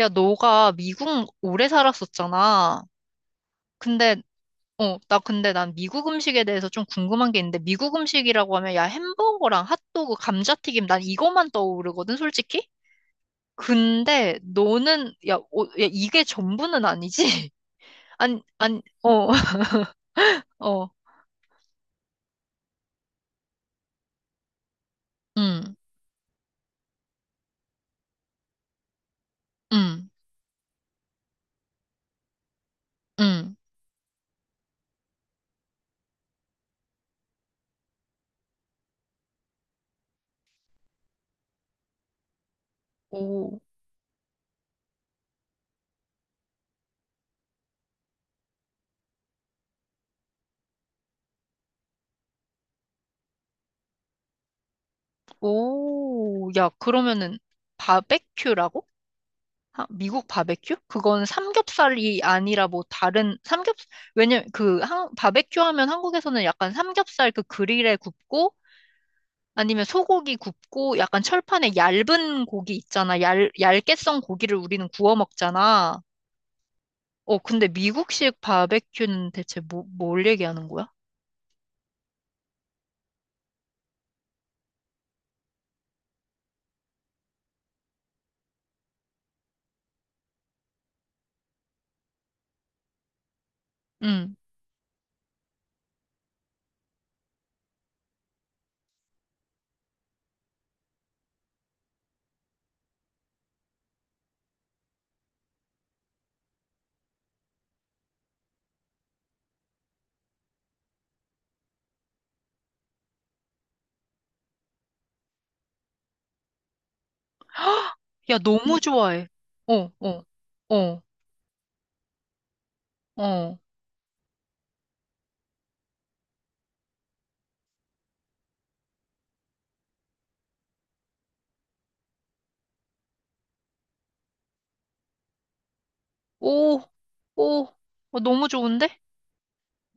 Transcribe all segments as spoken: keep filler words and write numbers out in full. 야, 너가 미국 오래 살았었잖아. 근데, 어, 나 근데 난 미국 음식에 대해서 좀 궁금한 게 있는데, 미국 음식이라고 하면, 야, 햄버거랑 핫도그, 감자튀김, 난 이것만 떠오르거든, 솔직히? 근데 너는, 야, 어, 야, 이게 전부는 아니지? 안, 안, 어, 어, 음, 음, 음. 오, 오, 야, 그러면은, 바베큐라고? 아, 미국 바베큐? 그건 삼겹살이 아니라 뭐 다른 삼겹 왜냐면 그 한, 바베큐 하면 한국에서는 약간 삼겹살 그 그릴에 굽고 아니면 소고기 굽고 약간 철판에 얇은 고기 있잖아. 얇, 얇게 썬 고기를 우리는 구워 먹잖아. 어, 근데 미국식 바베큐는 대체 뭐, 뭘 얘기하는 거야? 응. 야, 너무 좋아해. 어, 어, 어, 어. 오, 오. 어, 너무 좋은데?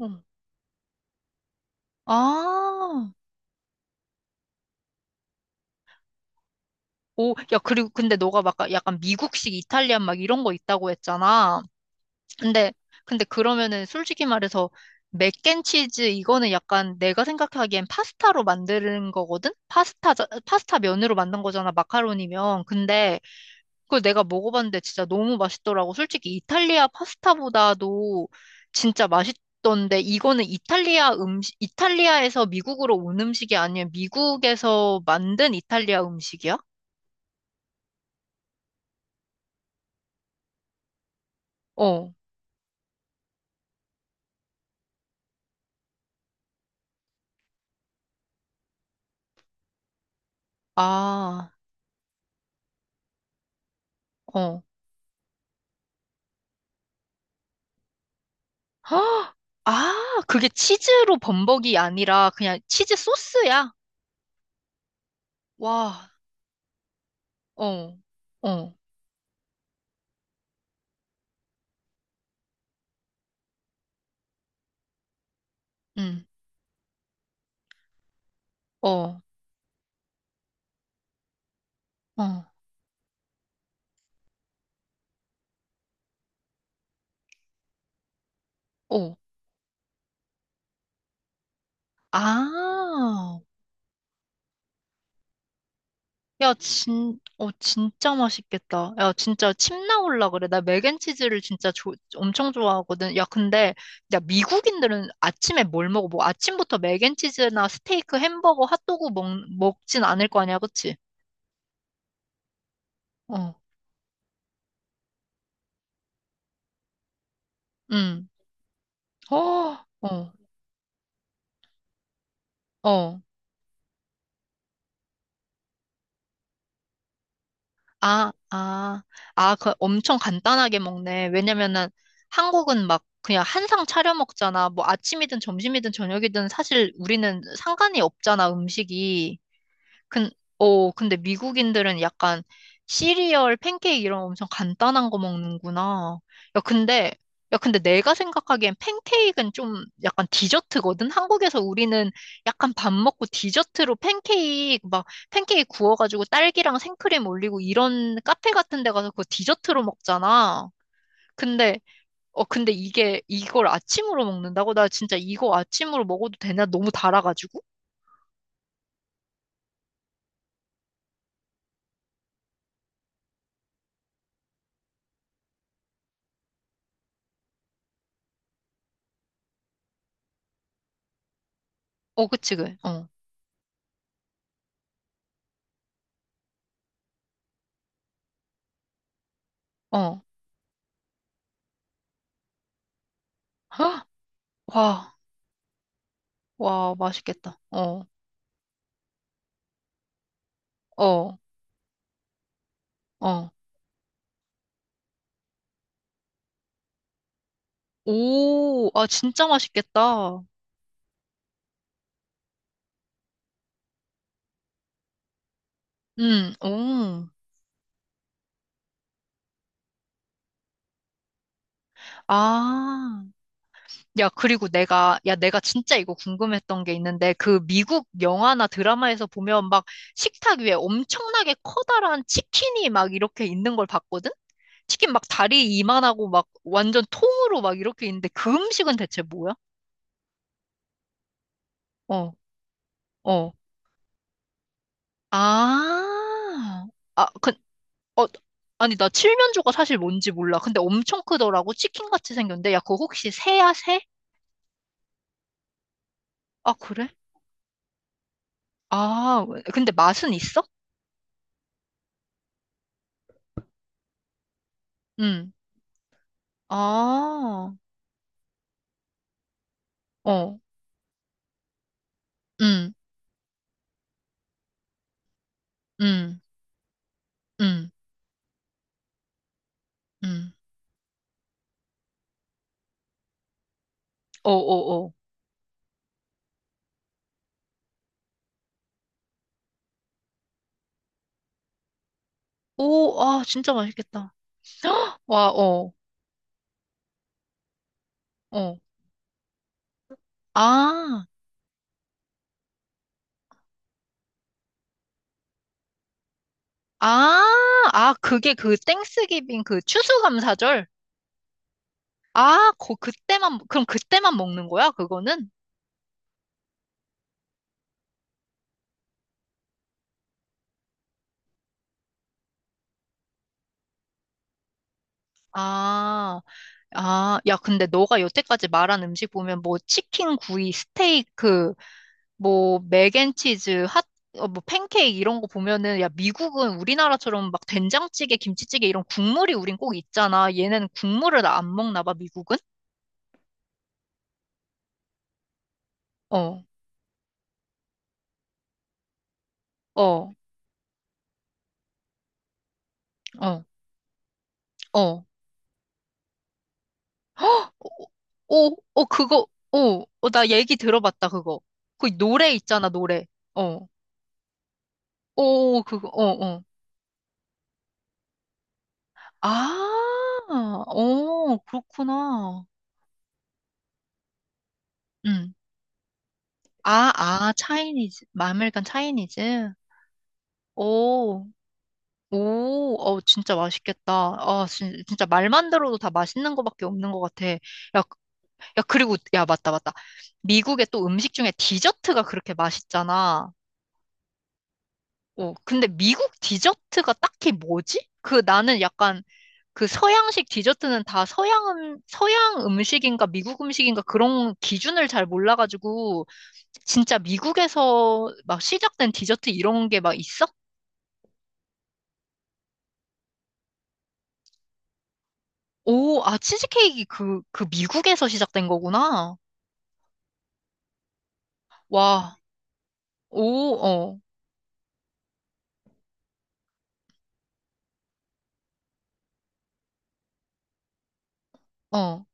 응. 아. 오, 야, 그리고 근데 너가 막 약간 미국식 이탈리안 막 이런 거 있다고 했잖아. 근데, 근데 그러면은 솔직히 말해서 맥앤치즈 이거는 약간 내가 생각하기엔 파스타로 만드는 거거든? 파스타, 파스타 면으로 만든 거잖아, 마카로니면. 근데 그걸 내가 먹어봤는데 진짜 너무 맛있더라고. 솔직히 이탈리아 파스타보다도 진짜 맛있던데 이거는 이탈리아 음식, 이탈리아에서 미국으로 온 음식이 아니면 미국에서 만든 이탈리아 음식이야? 어. 아, 어. 헉! 아, 그게 치즈로 범벅이 아니라 그냥 치즈 소스야? 와, 어, 어, 음, 어, 어, 어. 아, 야, 진, 어, 진짜 맛있겠다. 야, 진짜 침 나올라 그래. 나 맥앤치즈를 진짜 조, 엄청 좋아하거든. 야, 근데, 야, 미국인들은 아침에 뭘 먹어? 뭐, 아침부터 맥앤치즈나 스테이크, 햄버거, 핫도그 먹, 먹진 않을 거 아니야, 그치? 어, 음, 어, 어. 어. 아, 아, 아, 그 엄청 간단하게 먹네. 왜냐면은 한국은 막 그냥 한상 차려 먹잖아. 뭐 아침이든 점심이든 저녁이든 사실 우리는 상관이 없잖아, 음식이. 근, 어, 근데 미국인들은 약간 시리얼, 팬케이크 이런 엄청 간단한 거 먹는구나. 야, 근데, 야, 근데 내가 생각하기엔 팬케이크는 좀 약간 디저트거든? 한국에서 우리는 약간 밥 먹고 디저트로 팬케이크, 막 팬케이크 구워가지고 딸기랑 생크림 올리고 이런 카페 같은 데 가서 그거 디저트로 먹잖아. 근데, 어, 근데 이게, 이걸 아침으로 먹는다고? 나 진짜 이거 아침으로 먹어도 되나? 너무 달아가지고? 어, 그치, 그, 어, 어. 헉, 와. 와, 맛있겠다. 어, 어, 어. 오, 아, 진짜 맛있겠다. 음, 오. 아, 야, 그리고 내가, 야, 내가 진짜 이거 궁금했던 게 있는데, 그 미국 영화나 드라마에서 보면 막 식탁 위에 엄청나게 커다란 치킨이 막 이렇게 있는 걸 봤거든? 치킨 막 다리 이만하고 막 완전 통으로 막 이렇게 있는데, 그 음식은 대체 뭐야? 어, 어. 아, 아, 그, 어, 아니, 나 칠면조가 사실 뭔지 몰라. 근데 엄청 크더라고. 치킨같이 생겼는데. 야, 그거 혹시 새야, 새? 아, 그래? 아, 근데 맛은 있어? 응. 아, 어, 응, 응, 응, 응. 어, 어, 어. 오, 아, 진짜 맛있겠다. 와, 어, 어. 아, 아, 아, 그게 그 땡스기빙 그 추수감사절? 아, 그, 그때만, 그럼 그때만 먹는 거야, 그거는? 아. 아, 야, 근데 너가 여태까지 말한 음식 보면 뭐 치킨, 구이, 스테이크, 그 뭐 맥앤치즈, 핫, 어, 뭐 팬케이크 이런 거 보면은 야, 미국은 우리나라처럼 막 된장찌개, 김치찌개 이런 국물이 우린 꼭 있잖아. 얘네는 국물을 안 먹나 봐, 미국은? 어, 어, 어, 어. 오, 어, 어, 그거, 오, 어, 나 얘기 들어봤다, 그거. 그 노래 있잖아, 노래. 어, 오, 그거, 어, 어. 아, 어, 그렇구나. 응. 아, 아, 차이니즈. 마늘간 차이니즈? 오, 오, 어, 진짜 맛있겠다. 아, 진, 진짜 말만 들어도 다 맛있는 거밖에 없는 것 같아. 야, 야, 그리고, 야, 맞다, 맞다. 미국의 또 음식 중에 디저트가 그렇게 맛있잖아. 어, 근데 미국 디저트가 딱히 뭐지? 그 나는 약간 그 서양식 디저트는 다 서양, 음- 서양 음식인가 미국 음식인가 그런 기준을 잘 몰라가지고 진짜 미국에서 막 시작된 디저트 이런 게 막 있어? 오, 아, 치즈케이크 그, 그 미국에서 시작된 거구나. 와, 오, 어, 어,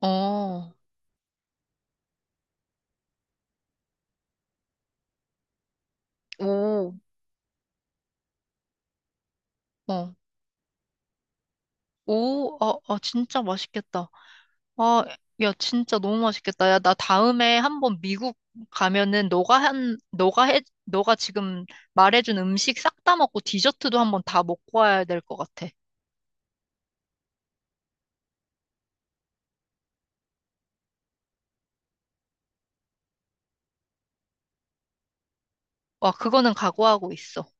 어, 오, 어, 오, 아, 아, 진짜 맛있겠다. 아, 야, 진짜 너무 맛있겠다. 야, 나 다음에 한번 미국 가면은 너가 한, 너가 해, 너가 지금 말해준 음식 싹 다 먹고 디저트도 한번 다 먹고 와야 될 것 같아. 와, 그거는 각오하고 있어.